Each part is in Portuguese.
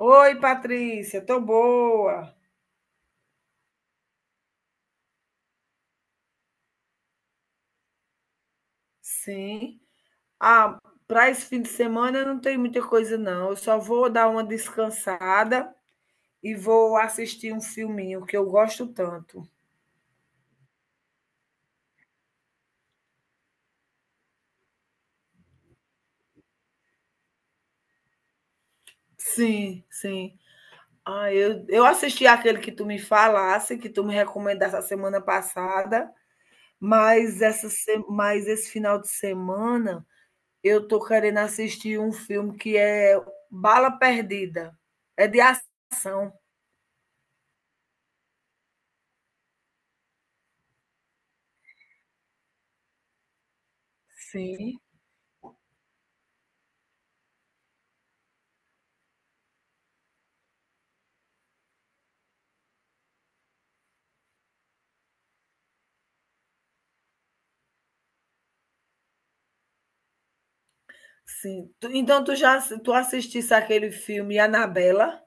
Oi, Patrícia, tô boa. Sim. Ah, para esse fim de semana não tem muita coisa, não. Eu só vou dar uma descansada e vou assistir um filminho que eu gosto tanto. Sim, sim. Ah, eu assisti aquele que tu me falasse, que tu me recomendasse a semana passada, mas, essa, se- mas esse final de semana eu tô querendo assistir um filme que é Bala Perdida. É de ação. Sim. Sim. Tu então tu assistisse aquele filme Annabella?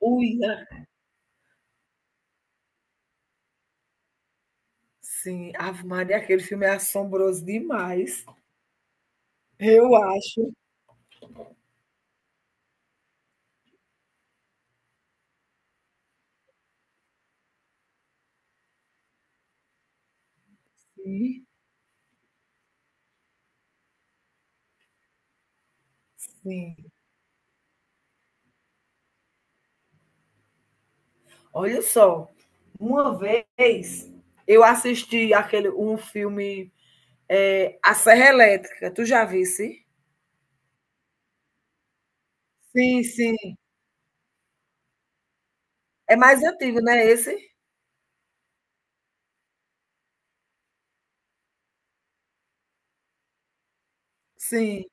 Uia. Sim, Ave Maria, aquele filme é assombroso demais. Eu acho, sim, sim. Olha só, uma vez eu assisti aquele um filme, é A Serra Elétrica, tu já visse? Sim, sim. É mais antigo, né, esse? Sim,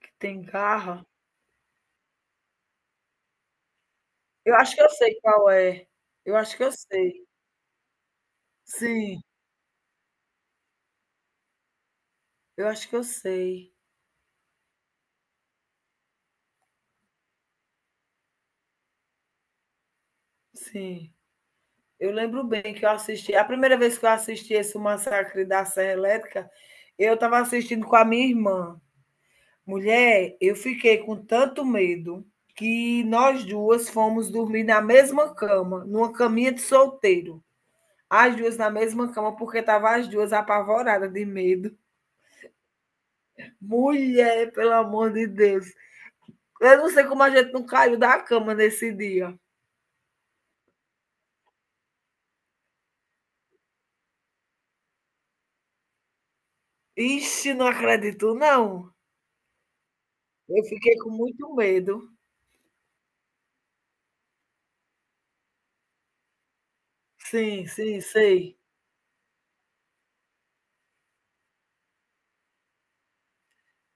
que tem carro. Eu acho que eu sei qual é. Eu acho que eu sei. Sim, eu acho que eu sei. Sim. Eu lembro bem que eu assisti. A primeira vez que eu assisti esse Massacre da Serra Elétrica, eu estava assistindo com a minha irmã. Mulher, eu fiquei com tanto medo que nós duas fomos dormir na mesma cama, numa caminha de solteiro. As duas na mesma cama, porque tava as duas apavoradas de medo. Mulher, pelo amor de Deus. Eu não sei como a gente não caiu da cama nesse dia. Ixi, não acredito, não. Eu fiquei com muito medo. Sim, sim, sei.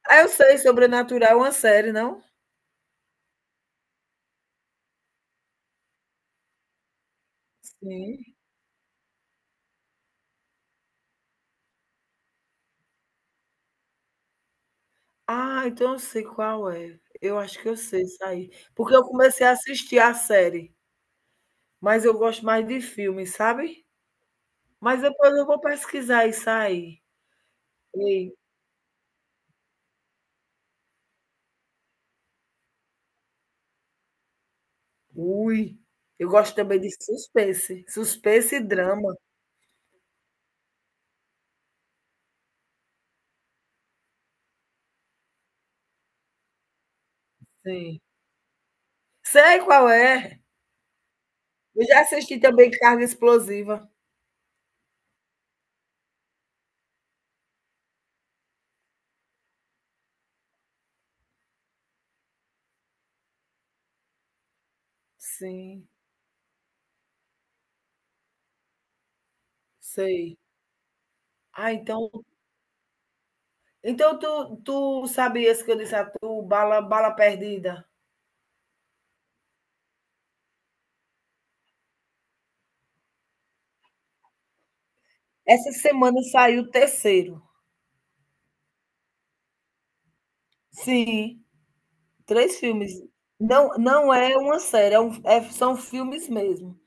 Ah, eu sei, Sobrenatural é uma série, não? Sim. Ah, então eu sei qual é. Eu acho que eu sei isso aí. Porque eu comecei a assistir a série, mas eu gosto mais de filme, sabe? Mas depois eu vou pesquisar isso aí. Ei, ui, eu gosto também de suspense e drama. Sim. Sei qual é. Eu já assisti também Carga Explosiva. Sim, sei. Ah, então tu sabias que eu disse a tu, Bala Perdida? Essa semana saiu o terceiro. Sim, 3 filmes. Não é uma série, é são filmes mesmo.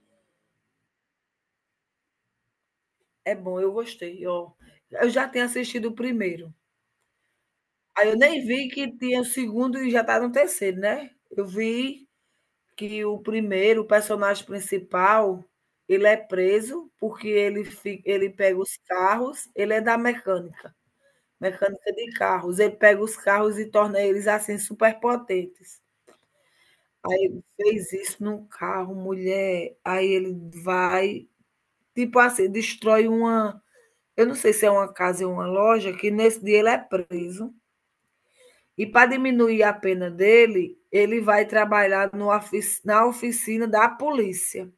É bom, eu gostei, ó. Eu já tinha assistido o primeiro. Aí eu nem vi que tinha o segundo e já tá no terceiro, né. Eu vi que o primeiro, o personagem principal, ele é preso porque ele pega os carros, ele é da mecânica, mecânica de carros. Ele pega os carros e torna eles, assim, superpotentes. Aí ele fez isso num carro, mulher, aí ele vai, tipo assim, destrói uma eu não sei se é uma casa ou uma loja, que nesse dia ele é preso, e para diminuir a pena dele, ele vai trabalhar no ofici na oficina da polícia.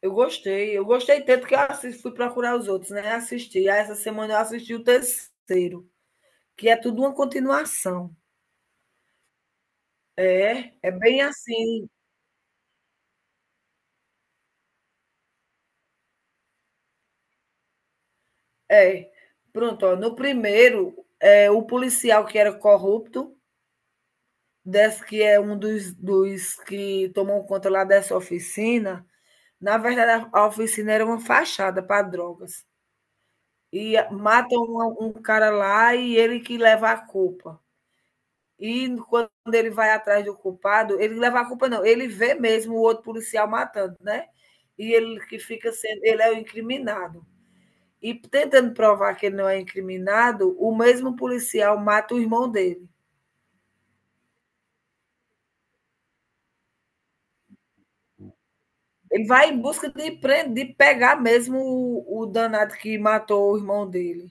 Eu gostei tanto que eu assis fui procurar os outros, né, assisti, aí essa semana eu assisti o terceiro, que é tudo uma continuação. É bem assim. É, pronto, ó, no primeiro, é, o policial que era corrupto, desse que é um dos que tomou conta lá dessa oficina, na verdade a oficina era uma fachada para drogas. E matam um cara lá e ele que leva a culpa. E quando ele vai atrás do culpado, ele leva a culpa não, ele vê mesmo o outro policial matando, né? E ele que fica sendo, ele é o incriminado. E tentando provar que ele não é incriminado, o mesmo policial mata o irmão dele. Ele vai em busca de, prender, de pegar mesmo o danado que matou o irmão dele.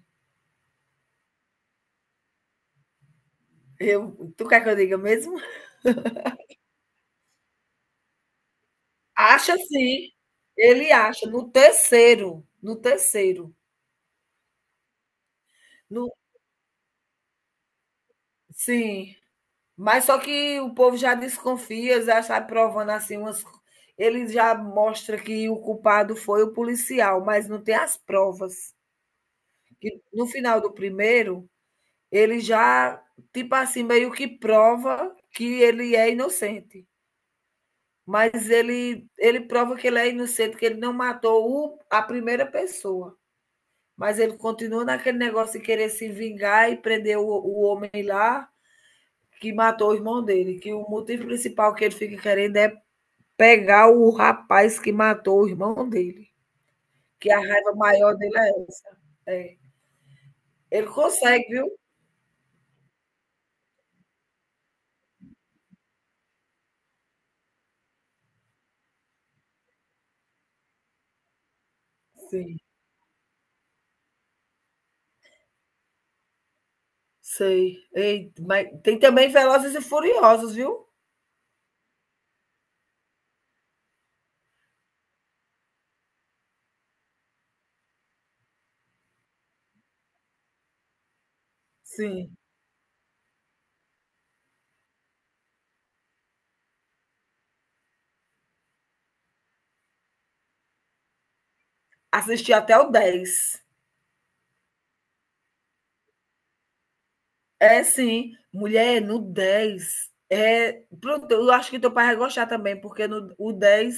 Tu quer que eu diga mesmo? Acha sim. Ele acha no terceiro, no terceiro. No, sim. Mas só que o povo já desconfia, já está provando assim umas ele já mostra que o culpado foi o policial, mas não tem as provas. E no final do primeiro, ele já, tipo assim, meio que prova que ele é inocente. Mas ele prova que ele é inocente, que ele não matou a primeira pessoa. Mas ele continua naquele negócio de querer se vingar e prender o homem lá que matou o irmão dele. Que o motivo principal que ele fica querendo é pegar o rapaz que matou o irmão dele. Que a raiva maior dele é essa. É. Ele consegue, viu? Sim. Sei. Ei, mas tem também Velozes e Furiosos, viu? Sim. Assisti até o 10. É, sim. Mulher, no 10. É, pronto, eu acho que teu pai vai gostar também, porque no o 10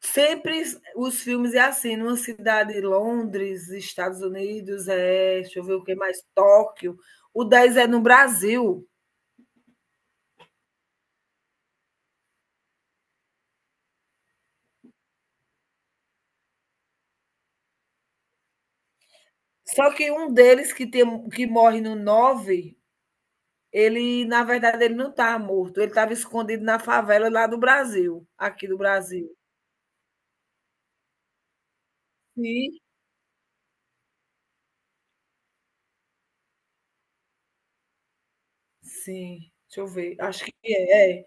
sempre os filmes é assim, numa cidade, Londres, Estados Unidos, é, deixa eu ver o que mais, Tóquio. O 10 é no Brasil. Só que um deles que tem que morre no 9. Ele, na verdade, ele não estava morto, ele estava escondido na favela lá do Brasil, aqui do Brasil. Sim. Sim, deixa eu ver, acho que é.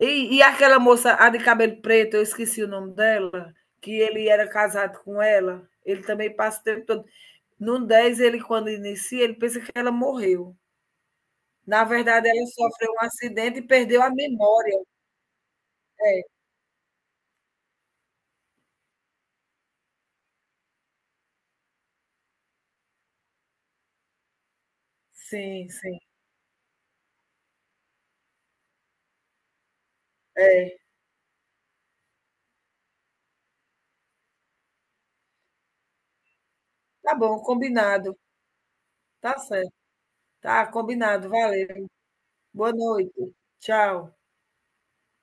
E aquela moça, a de cabelo preto, eu esqueci o nome dela, que ele era casado com ela, ele também passa o tempo todo. No 10 ele quando inicia, ele pensa que ela morreu. Na verdade, ela sofreu um acidente e perdeu a memória. É, sim, sim. É. Tá bom, combinado. Tá certo. Tá combinado, valeu. Boa noite. Tchau.